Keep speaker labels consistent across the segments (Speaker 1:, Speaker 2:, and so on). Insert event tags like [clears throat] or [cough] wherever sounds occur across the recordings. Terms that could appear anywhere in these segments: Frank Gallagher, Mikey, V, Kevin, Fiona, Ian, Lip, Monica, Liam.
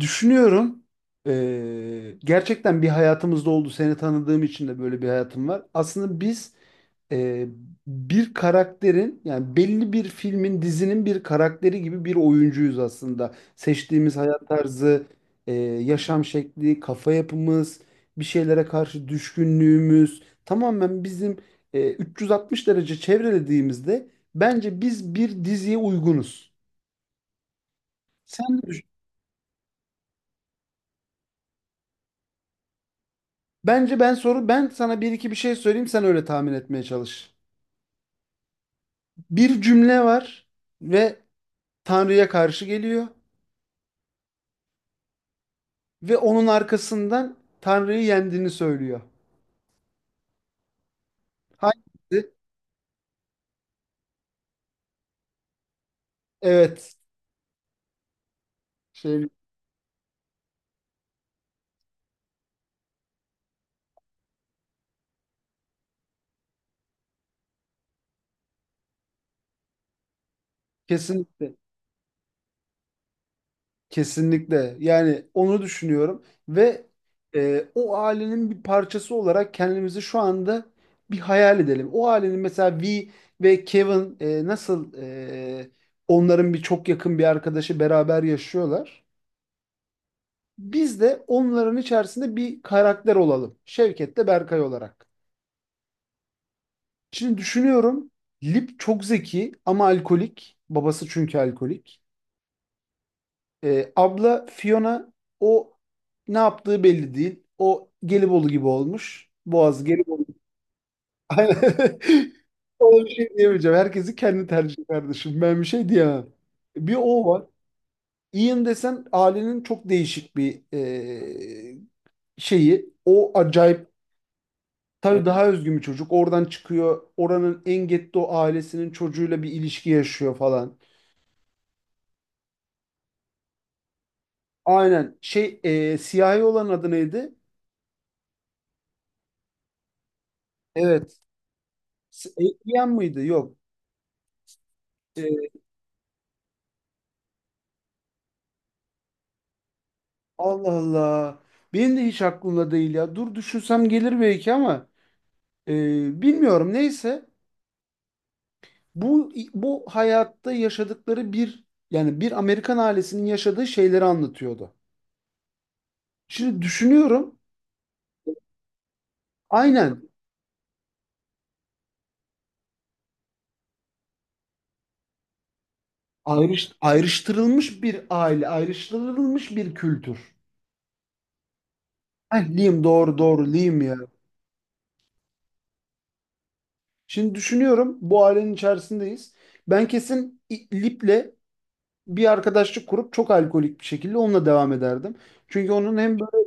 Speaker 1: Düşünüyorum. Gerçekten bir hayatımızda oldu. Seni tanıdığım için de böyle bir hayatım var. Aslında biz e, bir karakterin, yani belli bir filmin, dizinin bir karakteri gibi bir oyuncuyuz aslında. Seçtiğimiz hayat tarzı, yaşam şekli, kafa yapımız, bir şeylere karşı düşkünlüğümüz tamamen bizim, 360 derece çevrelediğimizde bence biz bir diziye uygunuz. Sen ne Bence ben, soru, ben sana bir iki bir şey söyleyeyim, sen öyle tahmin etmeye çalış. Bir cümle var ve Tanrı'ya karşı geliyor ve onun arkasından Tanrı'yı yendiğini söylüyor. Hangisi? Evet. Şey, kesinlikle. Kesinlikle. Yani onu düşünüyorum ve o ailenin bir parçası olarak kendimizi şu anda bir hayal edelim. O ailenin mesela V ve Kevin, nasıl, onların bir çok yakın bir arkadaşı beraber yaşıyorlar. Biz de onların içerisinde bir karakter olalım. Şevket de Berkay olarak. Şimdi düşünüyorum. Lip çok zeki ama alkolik. Babası çünkü alkolik. Abla Fiona, o ne yaptığı belli değil. O Gelibolu gibi olmuş. Boğaz Gelibolu. [laughs] Aynen. Ona bir şey diyemeyeceğim. Herkesi kendi tercih kardeşim. Ben bir şey diyemem. Bir o var. Ian desen, ailenin çok değişik bir e, şeyi. O acayip. Tabii daha özgün bir çocuk. Oradan çıkıyor. Oranın en getto ailesinin çocuğuyla bir ilişki yaşıyor falan. Aynen. Şey, siyahi olan adı neydi? Evet. Adrian mıydı? Yok. E, Allah Allah. Benim de hiç aklımda değil ya. Dur düşünsem gelir belki ama bilmiyorum. Neyse. Bu hayatta yaşadıkları bir, yani bir Amerikan ailesinin yaşadığı şeyleri anlatıyordu. Şimdi düşünüyorum. Aynen. Ayrıştırılmış bir aile, ayrıştırılmış bir kültür. Heh, Liam, doğru doğru, Liam ya. Şimdi düşünüyorum, bu ailenin içerisindeyiz. Ben kesin Lip'le bir arkadaşlık kurup çok alkolik bir şekilde onunla devam ederdim. Çünkü onun hem böyle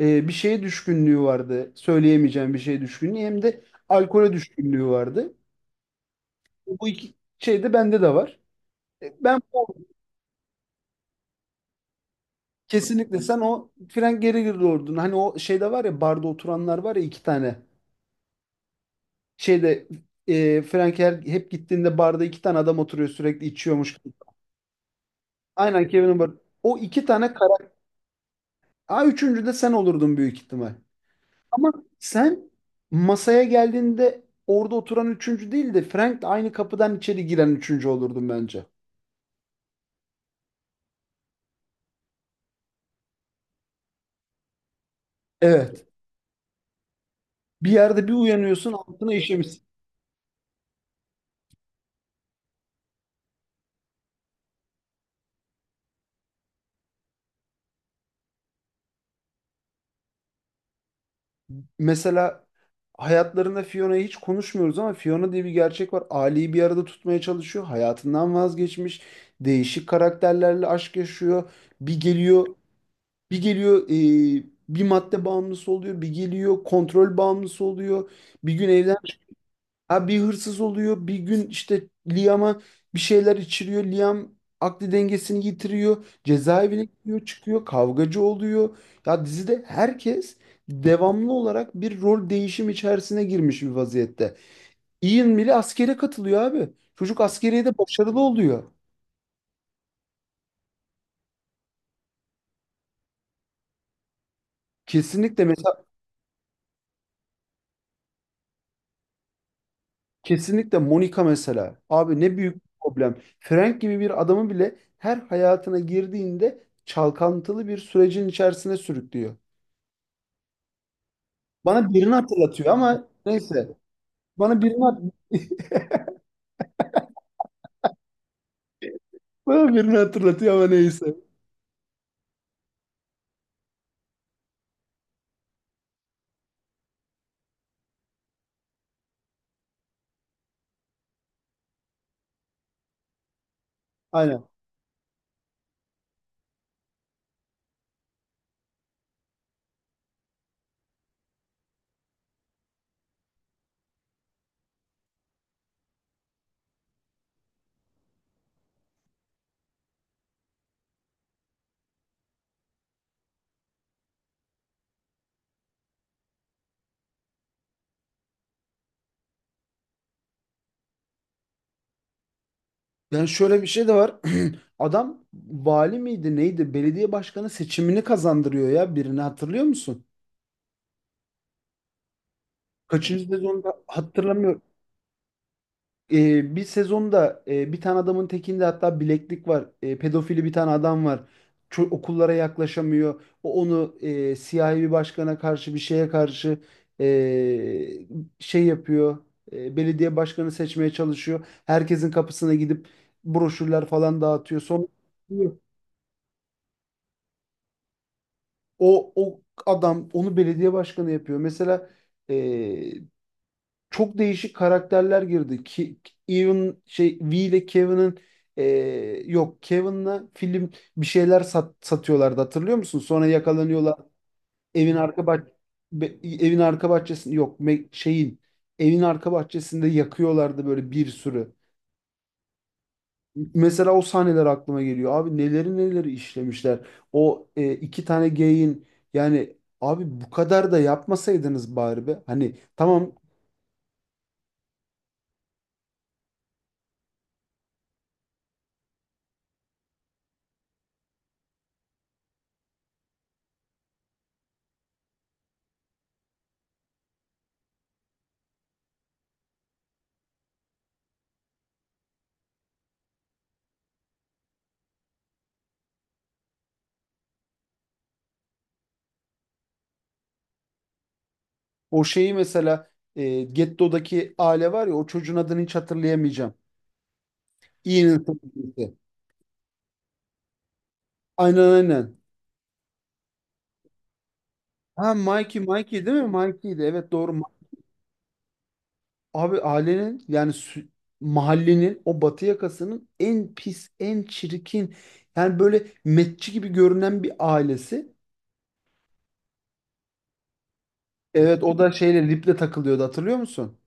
Speaker 1: bir şeye düşkünlüğü vardı, söyleyemeyeceğim bir şeye düşkünlüğü, hem de alkole düşkünlüğü vardı. Bu iki şey de bende de var. E, Ben o- kesinlikle sen o Frank Gallagher ordun. Hani o şeyde var ya, barda oturanlar var ya, iki tane. Şeyde, Frank hep gittiğinde barda iki tane adam oturuyor sürekli içiyormuş. Aynen Kevin Hart. O iki tane karakter. Ha, üçüncü de sen olurdun büyük ihtimal. Ama sen masaya geldiğinde orada oturan üçüncü değil de Frank de aynı kapıdan içeri giren üçüncü olurdun bence. Evet. Bir yerde bir uyanıyorsun altına işemiş. Mesela hayatlarında Fiona'yı hiç konuşmuyoruz ama Fiona diye bir gerçek var. Ali'yi bir arada tutmaya çalışıyor. Hayatından vazgeçmiş. Değişik karakterlerle aşk yaşıyor. Bir geliyor, bir geliyor bir madde bağımlısı oluyor. Bir geliyor kontrol bağımlısı oluyor. Bir gün evden Ha, bir hırsız oluyor. Bir gün işte Liam'a bir şeyler içiriyor. Liam akli dengesini yitiriyor. Cezaevine gidiyor, çıkıyor. Kavgacı oluyor. Ya dizide herkes devamlı olarak bir rol değişim içerisine girmiş bir vaziyette. Ian bile askere katılıyor abi. Çocuk askeriyede başarılı oluyor. Kesinlikle, mesela, kesinlikle Monica mesela. Abi ne büyük bir problem. Frank gibi bir adamı bile her hayatına girdiğinde çalkantılı bir sürecin içerisine sürüklüyor. Bana birini hatırlatıyor ama neyse. Bana birini, hat- Bana birini hatırlatıyor ama neyse. Aynen. Yani şöyle bir şey de var. [clears throat] Adam vali miydi neydi? Belediye başkanı seçimini kazandırıyor ya, birini hatırlıyor musun? Kaçıncı sezonda hatırlamıyorum. Bir sezonda bir tane adamın tekinde hatta bileklik var. Pedofili bir tane adam var. Okullara yaklaşamıyor. O onu siyahi bir başkana karşı, bir şeye karşı, e, şey yapıyor. Belediye başkanı seçmeye çalışıyor. Herkesin kapısına gidip broşürler falan dağıtıyor. Sonra o adam onu belediye başkanı yapıyor. Mesela çok değişik karakterler girdi. Ki, Even şey V ile Kevin'in, e, yok, Kevin'la film bir şeyler satıyorlardı hatırlıyor musun? Sonra yakalanıyorlar. Evin arka bah be- evin arka bahçesinde yok me- şeyin evin arka bahçesinde yakıyorlardı böyle bir sürü. Mesela o sahneler aklıma geliyor. Abi neleri neleri işlemişler. O iki tane geyin, yani abi bu kadar da yapmasaydınız bari be. Hani tamam. O şeyi mesela, Getto'daki aile var ya, o çocuğun adını hiç hatırlayamayacağım. Ian'ın sevgilisi. Aynen aynen. Ha Mikey, Mikey değil mi? Mikey'di. Evet doğru. Abi ailenin, yani mahallenin o batı yakasının en pis, en çirkin, yani böyle metçi gibi görünen bir ailesi. Evet, o da şeyle, Lip'le takılıyordu hatırlıyor musun?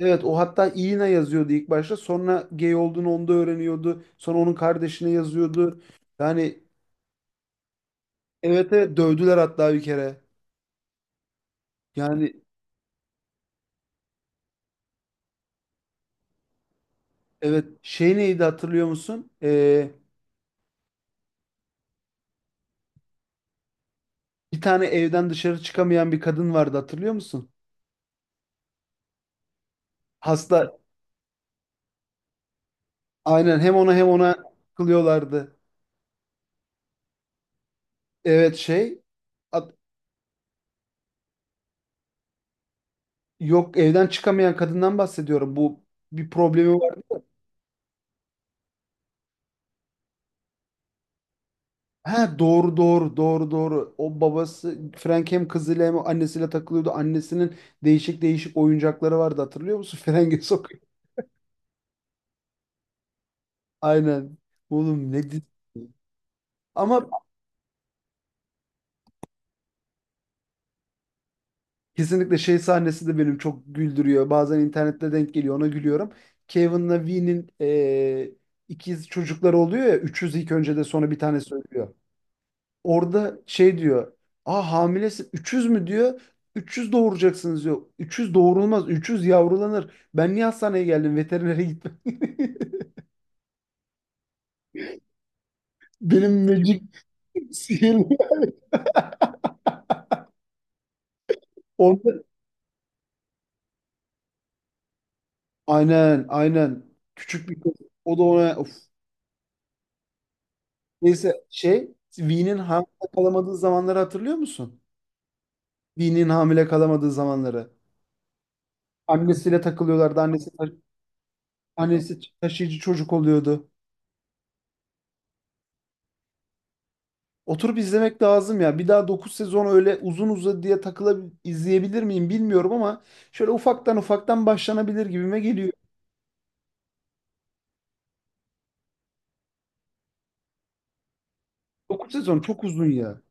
Speaker 1: Evet, o hatta Ian'a yazıyordu ilk başta, sonra gay olduğunu onda öğreniyordu. Sonra onun kardeşine yazıyordu. Yani evet evet dövdüler hatta bir kere. Yani evet, şey neydi hatırlıyor musun? Bir tane evden dışarı çıkamayan bir kadın vardı hatırlıyor musun? Hasta, aynen. Hem ona hem ona kılıyorlardı. Evet şey, at- yok, evden çıkamayan kadından bahsediyorum. Bu bir problemi var. Ha, doğru doğru doğru doğru. O babası Frank hem kızıyla hem annesiyle takılıyordu. Annesinin değişik değişik oyuncakları vardı hatırlıyor musun? [laughs] Frenge sokuyor. Aynen. Oğlum ne dizi. Ama kesinlikle şey sahnesi de benim çok güldürüyor. Bazen internette denk geliyor, ona gülüyorum. Kevin'la Vee'nin, ikiz çocukları oluyor ya. Üçüz ilk önce de sonra bir tane söylüyor. Orada şey diyor. Aa, hamilesin. Üçüz mü diyor. 300 doğuracaksınız diyor. 300 doğurulmaz. 300 yavrulanır. Ben niye hastaneye geldim? Veterinere gitmem. [laughs] Benim magic [laughs] sihirli. Orada... Aynen aynen. Küçük bir kız. O da ona... Of. Neyse şey... Vee'nin hamile kalamadığı zamanları hatırlıyor musun? Dinin hamile kalamadığı zamanları. Annesiyle takılıyorlardı. Annesi taşıyıcı çocuk oluyordu. Oturup izlemek lazım ya. Bir daha 9 sezon öyle uzun uzadı diye takıla izleyebilir miyim bilmiyorum ama şöyle ufaktan ufaktan başlanabilir gibime geliyor. 9 sezon çok uzun ya.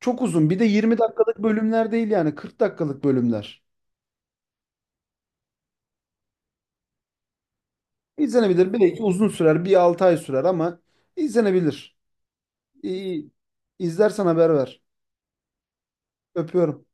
Speaker 1: Çok uzun. Bir de 20 dakikalık bölümler değil, yani 40 dakikalık bölümler. İzlenebilir. Belki uzun sürer. Bir 6 ay sürer ama izlenebilir. İyi, izlersen haber ver. Öpüyorum.